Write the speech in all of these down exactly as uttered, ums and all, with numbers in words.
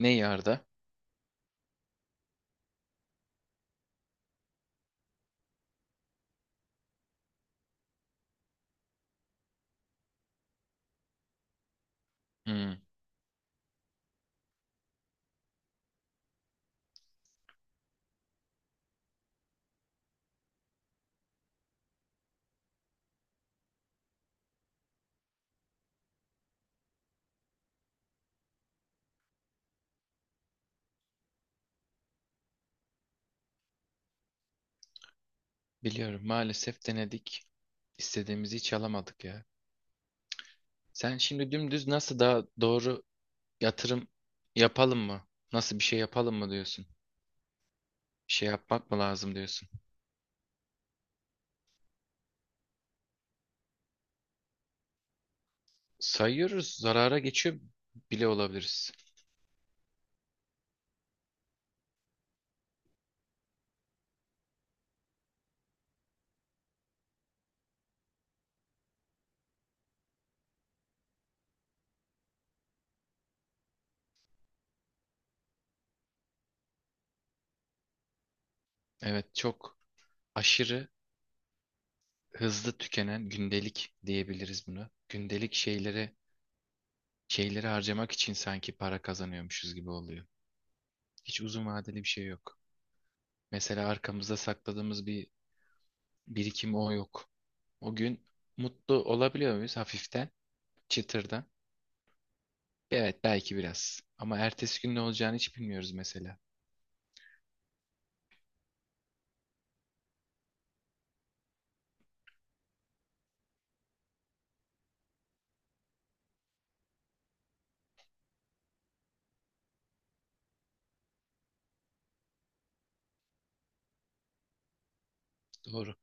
Ne yarda? Hmm, biliyorum maalesef denedik. İstediğimizi hiç alamadık ya. Sen şimdi dümdüz nasıl daha doğru yatırım yapalım mı? Nasıl bir şey yapalım mı diyorsun? Bir şey yapmak mı lazım diyorsun? Sayıyoruz, zarara geçiyor bile olabiliriz. Evet, çok aşırı hızlı tükenen gündelik diyebiliriz buna. Gündelik şeylere şeyleri harcamak için sanki para kazanıyormuşuz gibi oluyor. Hiç uzun vadeli bir şey yok. Mesela arkamızda sakladığımız bir birikim, o yok. O gün mutlu olabiliyor muyuz hafiften, çıtırdan? Evet, belki biraz. Ama ertesi gün ne olacağını hiç bilmiyoruz mesela. Doğru.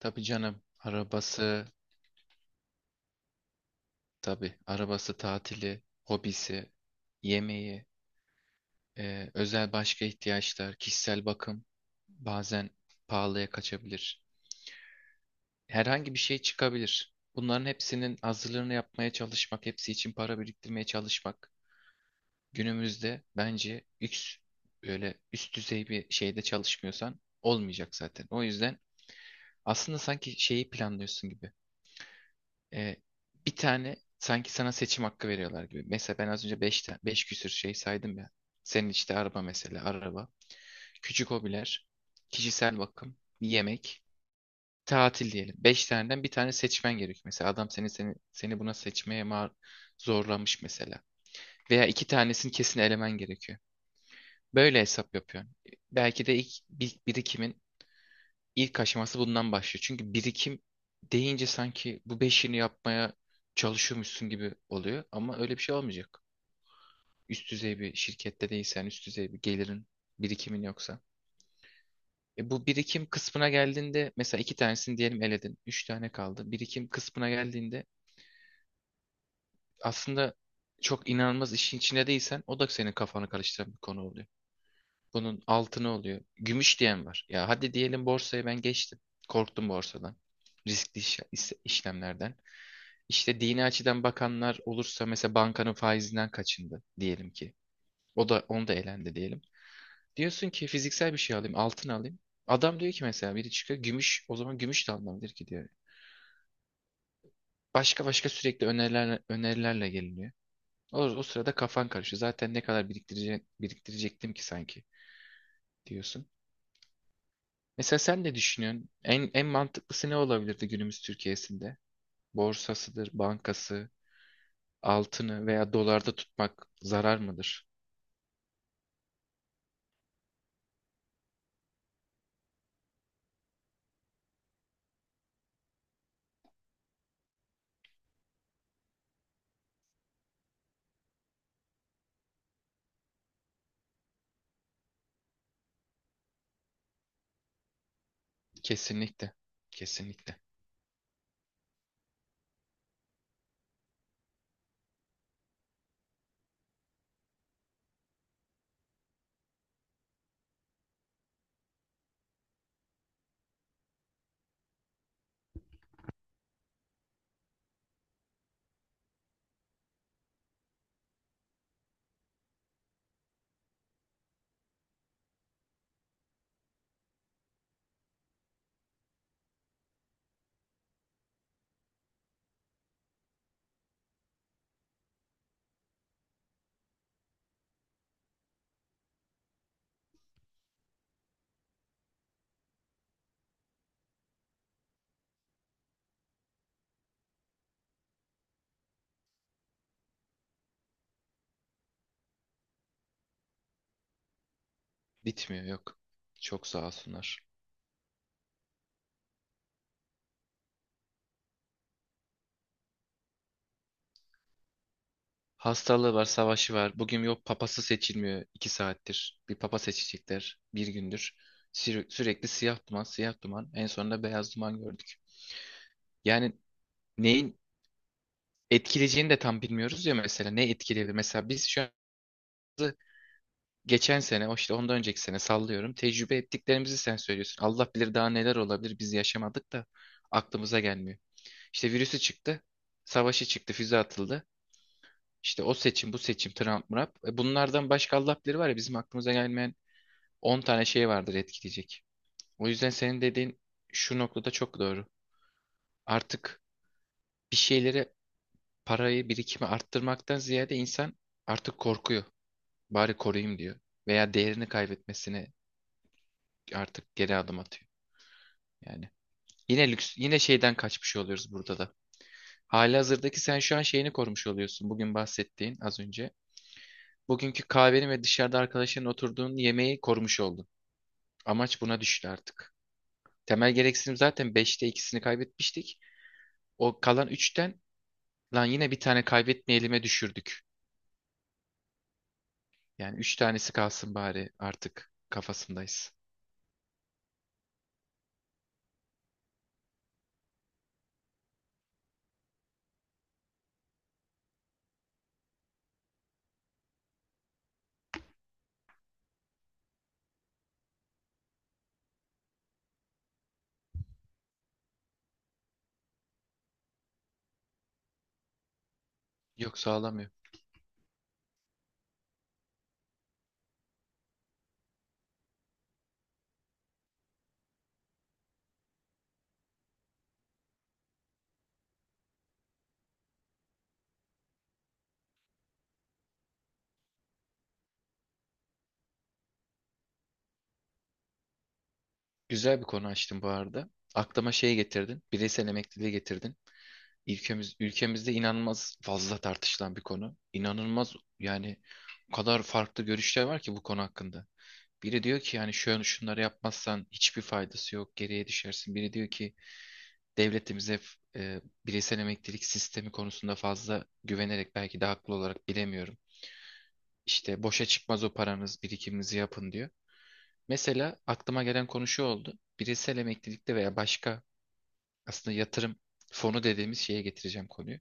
Tabii canım. Arabası, tabii. Arabası, tatili, hobisi, yemeği, e, özel başka ihtiyaçlar, kişisel bakım bazen pahalıya kaçabilir. Herhangi bir şey çıkabilir. Bunların hepsinin hazırlığını yapmaya çalışmak, hepsi için para biriktirmeye çalışmak, günümüzde bence üst, öyle üst düzey bir şeyde çalışmıyorsan olmayacak zaten. O yüzden aslında sanki şeyi planlıyorsun gibi. Ee, bir tane sanki sana seçim hakkı veriyorlar gibi. Mesela ben az önce 5 beş küsür şey saydım ya. Senin işte araba, mesela araba. Küçük hobiler, kişisel bakım, yemek, tatil diyelim. Beş taneden bir tane seçmen gerekiyor. Mesela adam seni, seni seni buna seçmeye mar zorlamış mesela. Veya iki tanesini kesin elemen gerekiyor. Böyle hesap yapıyorum. Belki de ilk bir- birikimin ilk aşaması bundan başlıyor. Çünkü birikim deyince sanki bu beşini yapmaya çalışıyormuşsun gibi oluyor. Ama öyle bir şey olmayacak. Üst düzey bir şirkette değilsen, üst düzey bir gelirin, birikimin yoksa. E, bu birikim kısmına geldiğinde mesela iki tanesini diyelim eledin. Üç tane kaldı. Birikim kısmına geldiğinde aslında çok inanılmaz işin içinde değilsen o da senin kafanı karıştıran bir konu oluyor. Bunun altını oluyor, gümüş diyen var. Ya hadi diyelim, borsaya ben geçtim. Korktum borsadan. Riskli iş- is- işlemlerden. İşte dini açıdan bakanlar olursa mesela bankanın faizinden kaçındı diyelim ki. O da, onu da elendi diyelim. Diyorsun ki fiziksel bir şey alayım, altın alayım. Adam diyor ki mesela, biri çıkıyor gümüş, o zaman gümüş de alınabilir ki diyor. Başka başka sürekli önerilerle, önerilerle geliniyor. O, o sırada kafan karışıyor. Zaten ne kadar biriktirece- biriktirecektim ki sanki diyorsun. Mesela sen ne düşünüyorsun? En, en mantıklısı ne olabilirdi günümüz Türkiye'sinde? Borsasıdır, bankası, altını veya dolarda tutmak zarar mıdır? Kesinlikle. Kesinlikle. Bitmiyor, yok. Çok sağ olsunlar. Hastalığı var, savaşı var. Bugün yok, papası seçilmiyor iki saattir. Bir papa seçecekler bir gündür. Sü- sürekli siyah duman, siyah duman. En sonunda beyaz duman gördük. Yani neyin etkileyeceğini de tam bilmiyoruz ya mesela. Ne etkileyebilir? Mesela biz şu geçen sene, o işte ondan önceki sene sallıyorum. Tecrübe ettiklerimizi sen söylüyorsun. Allah bilir daha neler olabilir, biz yaşamadık da aklımıza gelmiyor. İşte virüsü çıktı, savaşı çıktı, füze atıldı. İşte o seçim, bu seçim, Trump, Murap. E, bunlardan başka Allah bilir var ya bizim aklımıza gelmeyen on tane şey vardır etkileyecek. O yüzden senin dediğin şu noktada çok doğru. Artık bir şeylere parayı, birikimi arttırmaktan ziyade insan artık korkuyor. Bari koruyayım diyor. Veya değerini kaybetmesine artık geri adım atıyor. Yani yine lüks, yine şeyden kaçmış oluyoruz burada da. Halihazırdaki sen şu an şeyini korumuş oluyorsun. Bugün bahsettiğin az önce. Bugünkü kahveni ve dışarıda arkadaşların oturduğun yemeği korumuş oldun. Amaç buna düştü artık. Temel gereksinim zaten beşte ikisini kaybetmiştik. O kalan üçten, lan yine bir tane kaybetmeyelim'e düşürdük. Yani üç tanesi kalsın bari artık kafasındayız. Yok, sağlamıyor. Güzel bir konu açtın bu arada. Aklıma şey getirdin. Bireysel emekliliği getirdin. Ülkemiz, ülkemizde inanılmaz fazla tartışılan bir konu. İnanılmaz yani, o kadar farklı görüşler var ki bu konu hakkında. Biri diyor ki yani şöyle, şunları yapmazsan hiçbir faydası yok, geriye düşersin. Biri diyor ki devletimize e, bireysel emeklilik sistemi konusunda fazla güvenerek, belki de haklı olarak, bilemiyorum. İşte boşa çıkmaz o paranız, birikiminizi yapın diyor. Mesela aklıma gelen konu şu oldu. Bireysel emeklilikte veya başka, aslında yatırım fonu dediğimiz şeye getireceğim konuyu.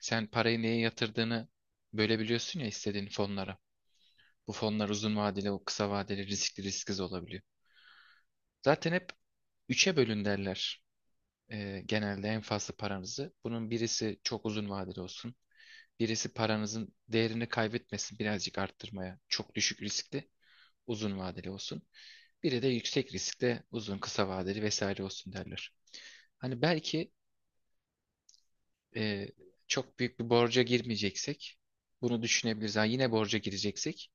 Sen parayı neye yatırdığını bölebiliyorsun ya istediğin fonlara. Bu fonlar uzun vadeli, o kısa vadeli, riskli, risksiz olabiliyor. Zaten hep üçe bölün derler. Ee, genelde en fazla paranızı. Bunun birisi çok uzun vadeli olsun. Birisi paranızın değerini kaybetmesin, birazcık arttırmaya. Çok düşük riskli, uzun vadeli olsun. Biri de yüksek riskli, uzun, kısa vadeli vesaire olsun derler. Hani belki e, çok büyük bir borca girmeyeceksek bunu düşünebiliriz. Ha, yine borca gireceksek,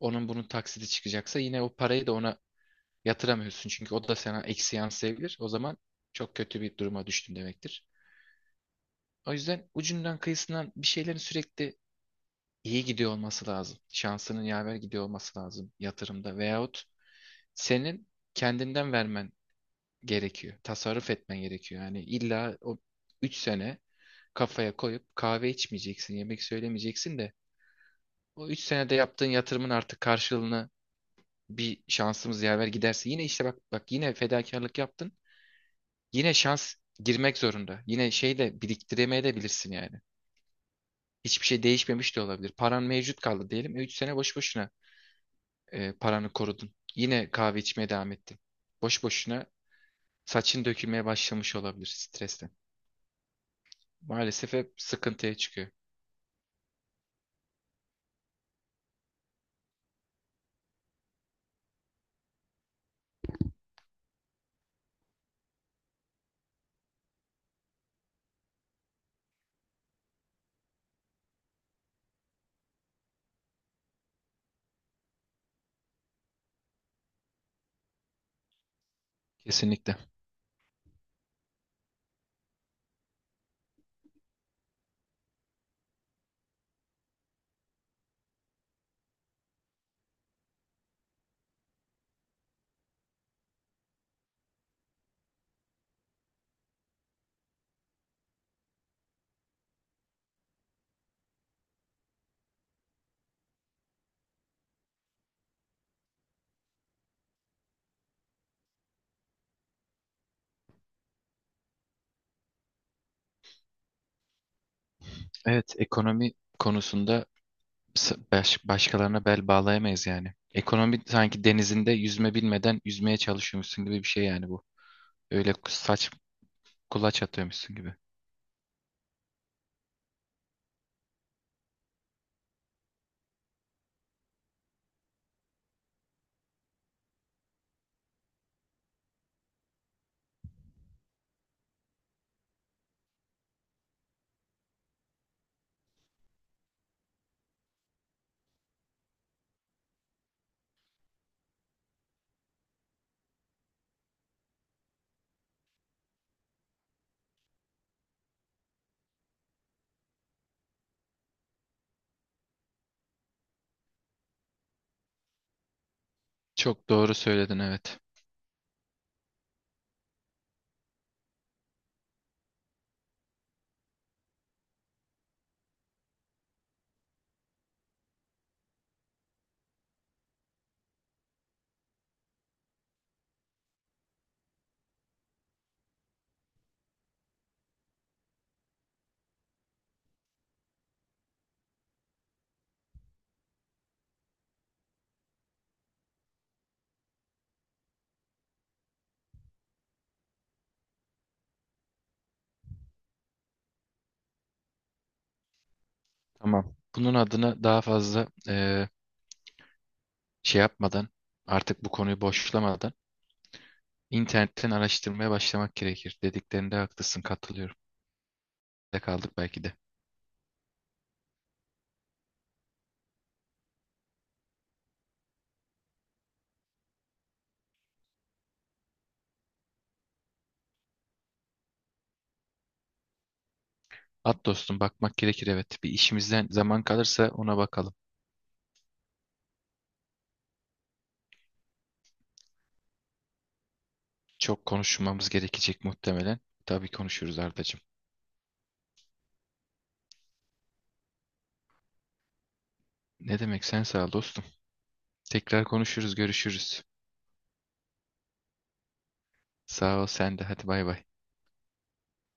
onun bunun taksiti çıkacaksa, yine o parayı da ona yatıramıyorsun. Çünkü o da sana eksi yansıyabilir. O zaman çok kötü bir duruma düştün demektir. O yüzden ucundan kıyısından bir şeylerin sürekli iyi gidiyor olması lazım. Şansının yaver gidiyor olması lazım yatırımda. Veyahut senin kendinden vermen gerekiyor. Tasarruf etmen gerekiyor. Yani illa o üç sene kafaya koyup kahve içmeyeceksin, yemek söylemeyeceksin de o üç senede yaptığın yatırımın artık karşılığını, bir şansımız yaver giderse yine, işte bak bak, yine fedakarlık yaptın. Yine şans girmek zorunda. Yine şey de biriktiremeyebilirsin yani. Hiçbir şey değişmemiş de olabilir. Paran mevcut kaldı diyelim. E, üç sene boş boşuna e, paranı korudun. Yine kahve içmeye devam ettin. Boş boşuna saçın dökülmeye başlamış olabilir stresten. Maalesef hep sıkıntıya çıkıyor. Kesinlikle. Evet, ekonomi konusunda s- baş- başkalarına bel bağlayamayız yani. Ekonomi sanki denizinde yüzme bilmeden yüzmeye çalışıyormuşsun gibi bir şey yani bu. Öyle saç kulaç atıyormuşsun gibi. Çok doğru söyledin, evet. Tamam. Bunun adına daha fazla eee, şey yapmadan, artık bu konuyu boşlamadan, internetten araştırmaya başlamak gerekir. Dediklerinde haklısın, katılıyorum. De kaldık belki de. At dostum, bakmak gerekir evet. Bir işimizden zaman kalırsa ona bakalım. Çok konuşmamız gerekecek muhtemelen. Tabii konuşuruz, Ardacığım. Ne demek, sen sağ ol dostum. Tekrar konuşuruz, görüşürüz. Sağ ol sen de, hadi, bay bay.